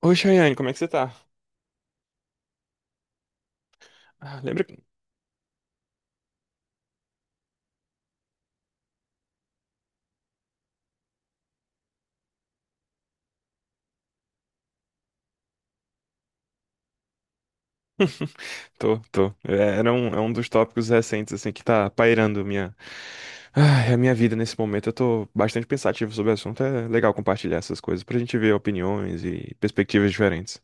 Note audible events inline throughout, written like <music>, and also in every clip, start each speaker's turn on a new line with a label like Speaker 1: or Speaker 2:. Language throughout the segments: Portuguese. Speaker 1: Oi, Chayane, como é que você tá? Ah, lembra que... Tô, tô. É um dos tópicos recentes, assim, que tá pairando Ai, a minha vida nesse momento. Eu tô bastante pensativo sobre o assunto. É legal compartilhar essas coisas pra gente ver opiniões e perspectivas diferentes.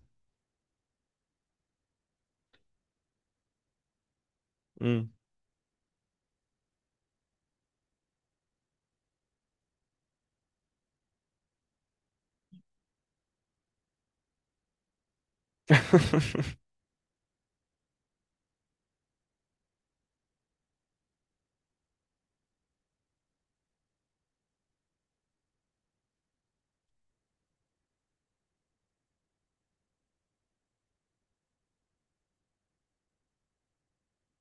Speaker 1: Hum. <laughs>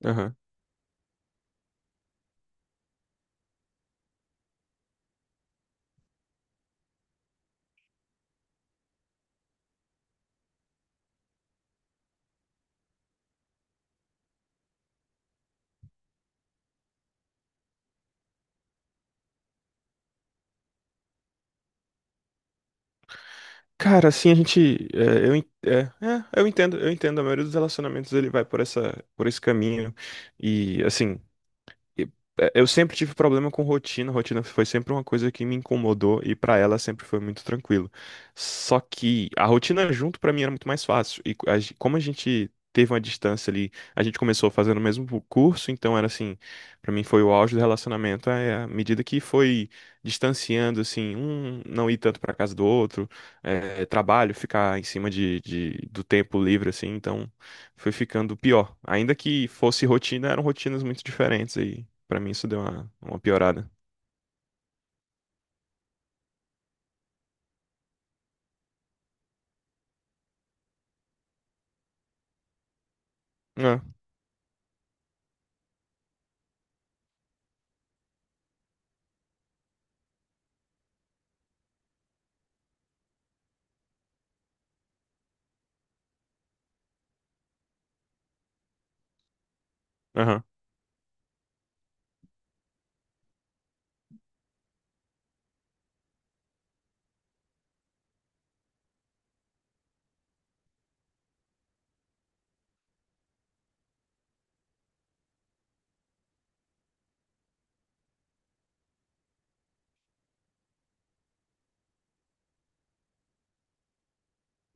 Speaker 1: Aham. Cara, assim, a gente... é, eu, en- é, é, eu entendo, eu entendo. A maioria dos relacionamentos, ele vai por esse caminho. E, assim... E, Eu sempre tive problema com rotina. Foi sempre uma coisa que me incomodou e pra ela sempre foi muito tranquilo. Só que a rotina junto pra mim era muito mais fácil. Como a gente teve uma distância ali, a gente começou fazendo o mesmo curso, então era assim, pra mim foi o auge do relacionamento, é à medida que foi distanciando, assim, um não ir tanto pra casa do outro, é, trabalho, ficar em cima do tempo livre, assim, então foi ficando pior. Ainda que fosse rotina, eram rotinas muito diferentes. Pra mim isso deu uma piorada. Ah, aham,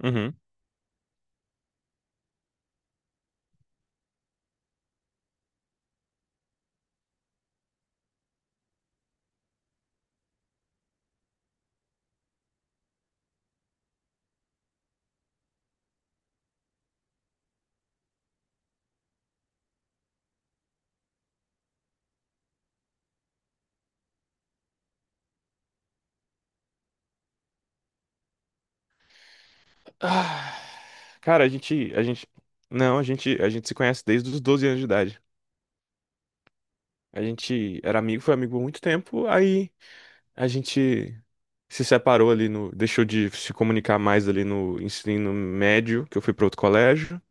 Speaker 1: uhum. Ah, cara, a gente, não, a gente se conhece desde os 12 anos de idade. A gente era amigo, foi amigo por muito tempo, aí a gente se separou ali no, deixou de se comunicar mais ali no ensino médio, que eu fui pra outro colégio.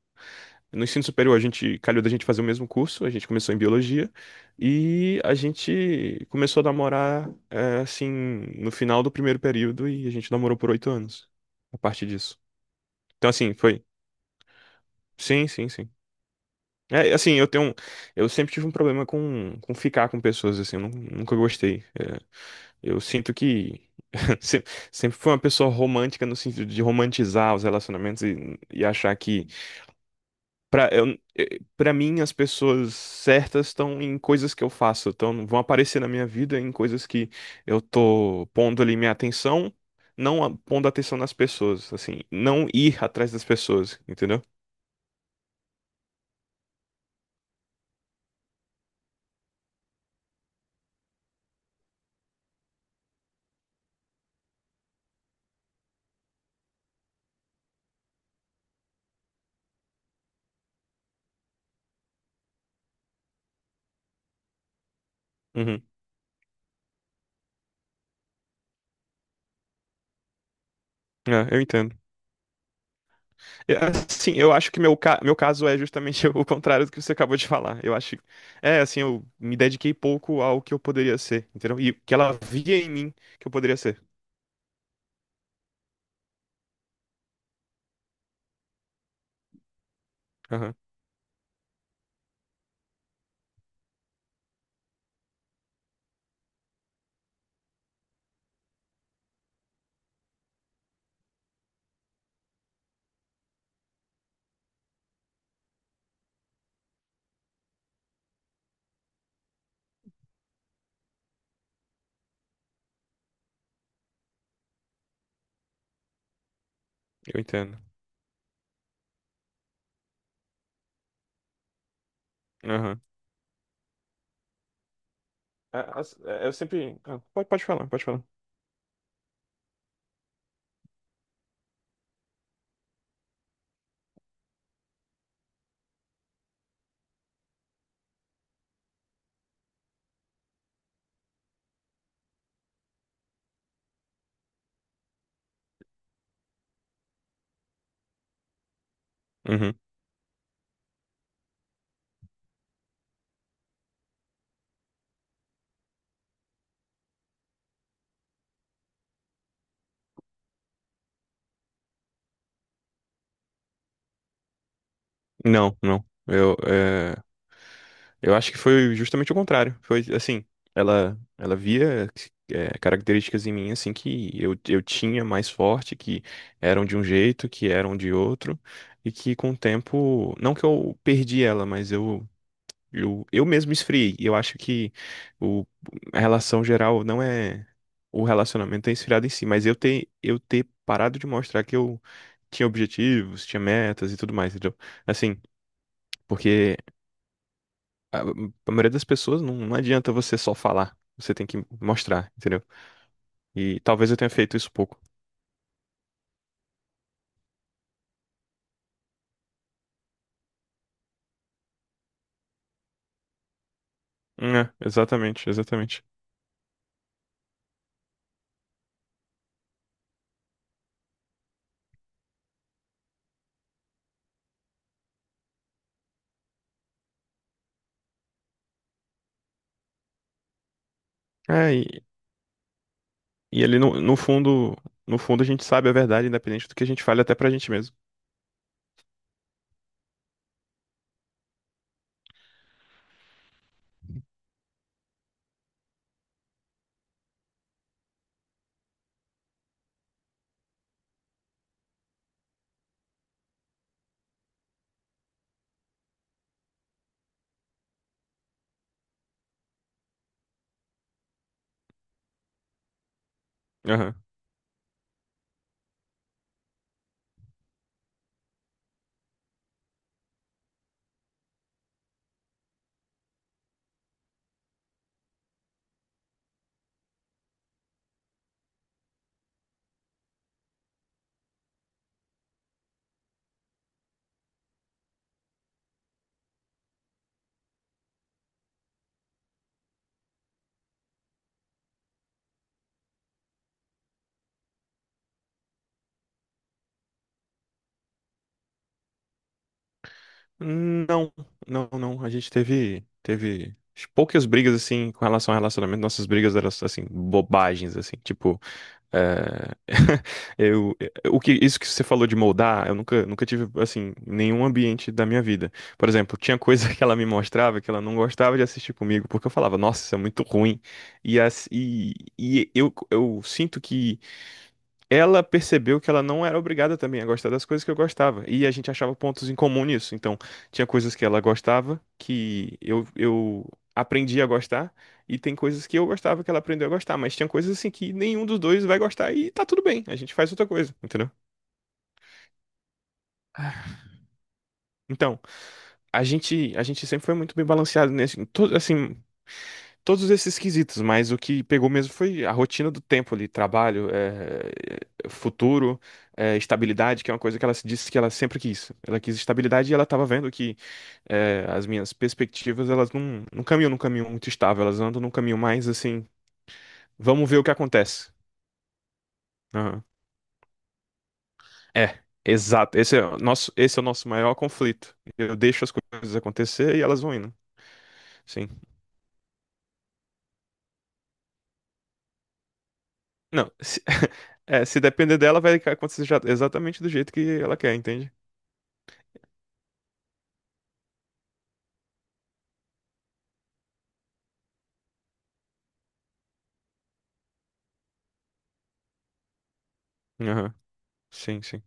Speaker 1: No ensino superior, a gente calhou da gente fazer o mesmo curso, a gente começou em biologia e a gente começou a namorar, é, assim, no final do primeiro período, e a gente namorou por 8 anos a partir disso. Então, assim, foi. Sim, sim, sim. É, assim, eu tenho. um- Eu sempre tive um problema com ficar com pessoas, assim, eu nunca gostei. É, eu sinto que. <laughs> se- Sempre fui uma pessoa romântica no sentido de romantizar os relacionamentos e achar que, pra mim, as pessoas certas estão em coisas que eu faço, então vão aparecer na minha vida em coisas que eu tô pondo ali minha atenção, não pondo atenção nas pessoas, assim, não ir atrás das pessoas, entendeu? Uhum. É, eu entendo. Assim, eu acho que meu caso é justamente <laughs> o contrário do que você acabou de falar. Eu acho. É, assim, eu me dediquei pouco ao que eu poderia ser, entendeu? E que ela via em mim que eu poderia ser. Aham, eu entendo. Aham. Eu sempre. Pode, pode falar, pode falar. Uhum. Não, não. Eu acho que foi justamente o contrário. Foi assim, ela via, é, características em mim assim que eu tinha mais forte, que eram de um jeito, que eram de outro, e que com o tempo, não que eu perdi ela, mas eu mesmo esfriei. E eu acho que o, a relação geral não é o relacionamento é esfriado em si, mas eu ter parado de mostrar que eu tinha objetivos, tinha metas e tudo mais, entendeu? Assim, porque a maioria das pessoas não, não adianta você só falar, você tem que mostrar, entendeu? E talvez eu tenha feito isso pouco. É, exatamente, exatamente. É, e, e ali no fundo, no fundo a gente sabe a verdade, independente do que a gente fale até pra gente mesmo. Aham. Não, não, não. Teve poucas brigas assim com relação ao relacionamento. Nossas brigas eram assim bobagens assim, tipo, é, <laughs> eu, o que isso que você falou de moldar, eu nunca, nunca tive assim em nenhum ambiente da minha vida. Por exemplo, tinha coisa <laughs> que ela me mostrava que ela não gostava de assistir comigo porque eu falava, nossa, isso é muito ruim. E eu sinto que ela percebeu que ela não era obrigada também a gostar das coisas que eu gostava. E a gente achava pontos em comum nisso. Então, tinha coisas que ela gostava que eu aprendi a gostar, e tem coisas que eu gostava que ela aprendeu a gostar. Mas tinha coisas assim que nenhum dos dois vai gostar e tá tudo bem. A gente faz outra coisa, entendeu? Então, a gente sempre foi muito bem balanceado nesse, em todo, assim, todos esses quesitos, mas o que pegou mesmo foi a rotina do tempo ali, trabalho, eh, futuro, eh, estabilidade, que é uma coisa que ela se disse que ela sempre quis. Ela quis estabilidade e ela estava vendo que, eh, as minhas perspectivas, elas não, não caminham num caminho muito estável, elas andam num caminho mais assim, vamos ver o que acontece. Aham. É, exato. Esse é o nosso maior conflito. Eu deixo as coisas acontecer e elas vão indo. Sim. Não, se, <laughs> é, Se depender dela, vai acontecer exatamente do jeito que ela quer, entende? Aham. Sim, sim.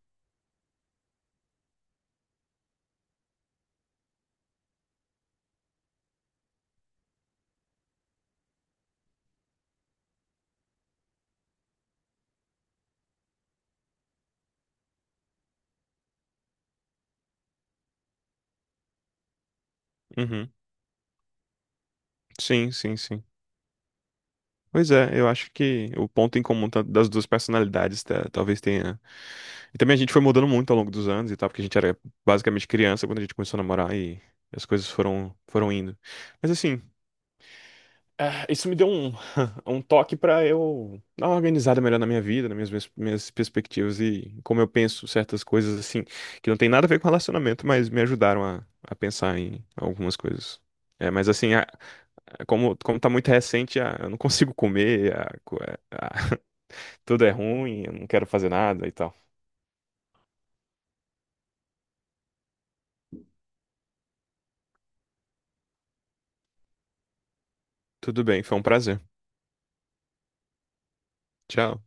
Speaker 1: Uhum. Sim, sim, sim. Pois é, eu acho que o ponto em comum das duas personalidades talvez tenha. E também a gente foi mudando muito ao longo dos anos e tal, porque a gente era basicamente criança quando a gente começou a namorar e as coisas foram, foram indo. Mas assim, ah, isso me deu um, <laughs> um toque pra eu dar uma organizada melhor na minha vida, nas minhas, minhas perspectivas e como eu penso certas coisas assim, que não tem nada a ver com relacionamento, mas me ajudaram a pensar em algumas coisas. É, mas assim, como, como tá muito recente, ah, eu não consigo comer, <laughs> tudo é ruim, eu não quero fazer nada e tal. Tudo bem, foi um prazer. Tchau.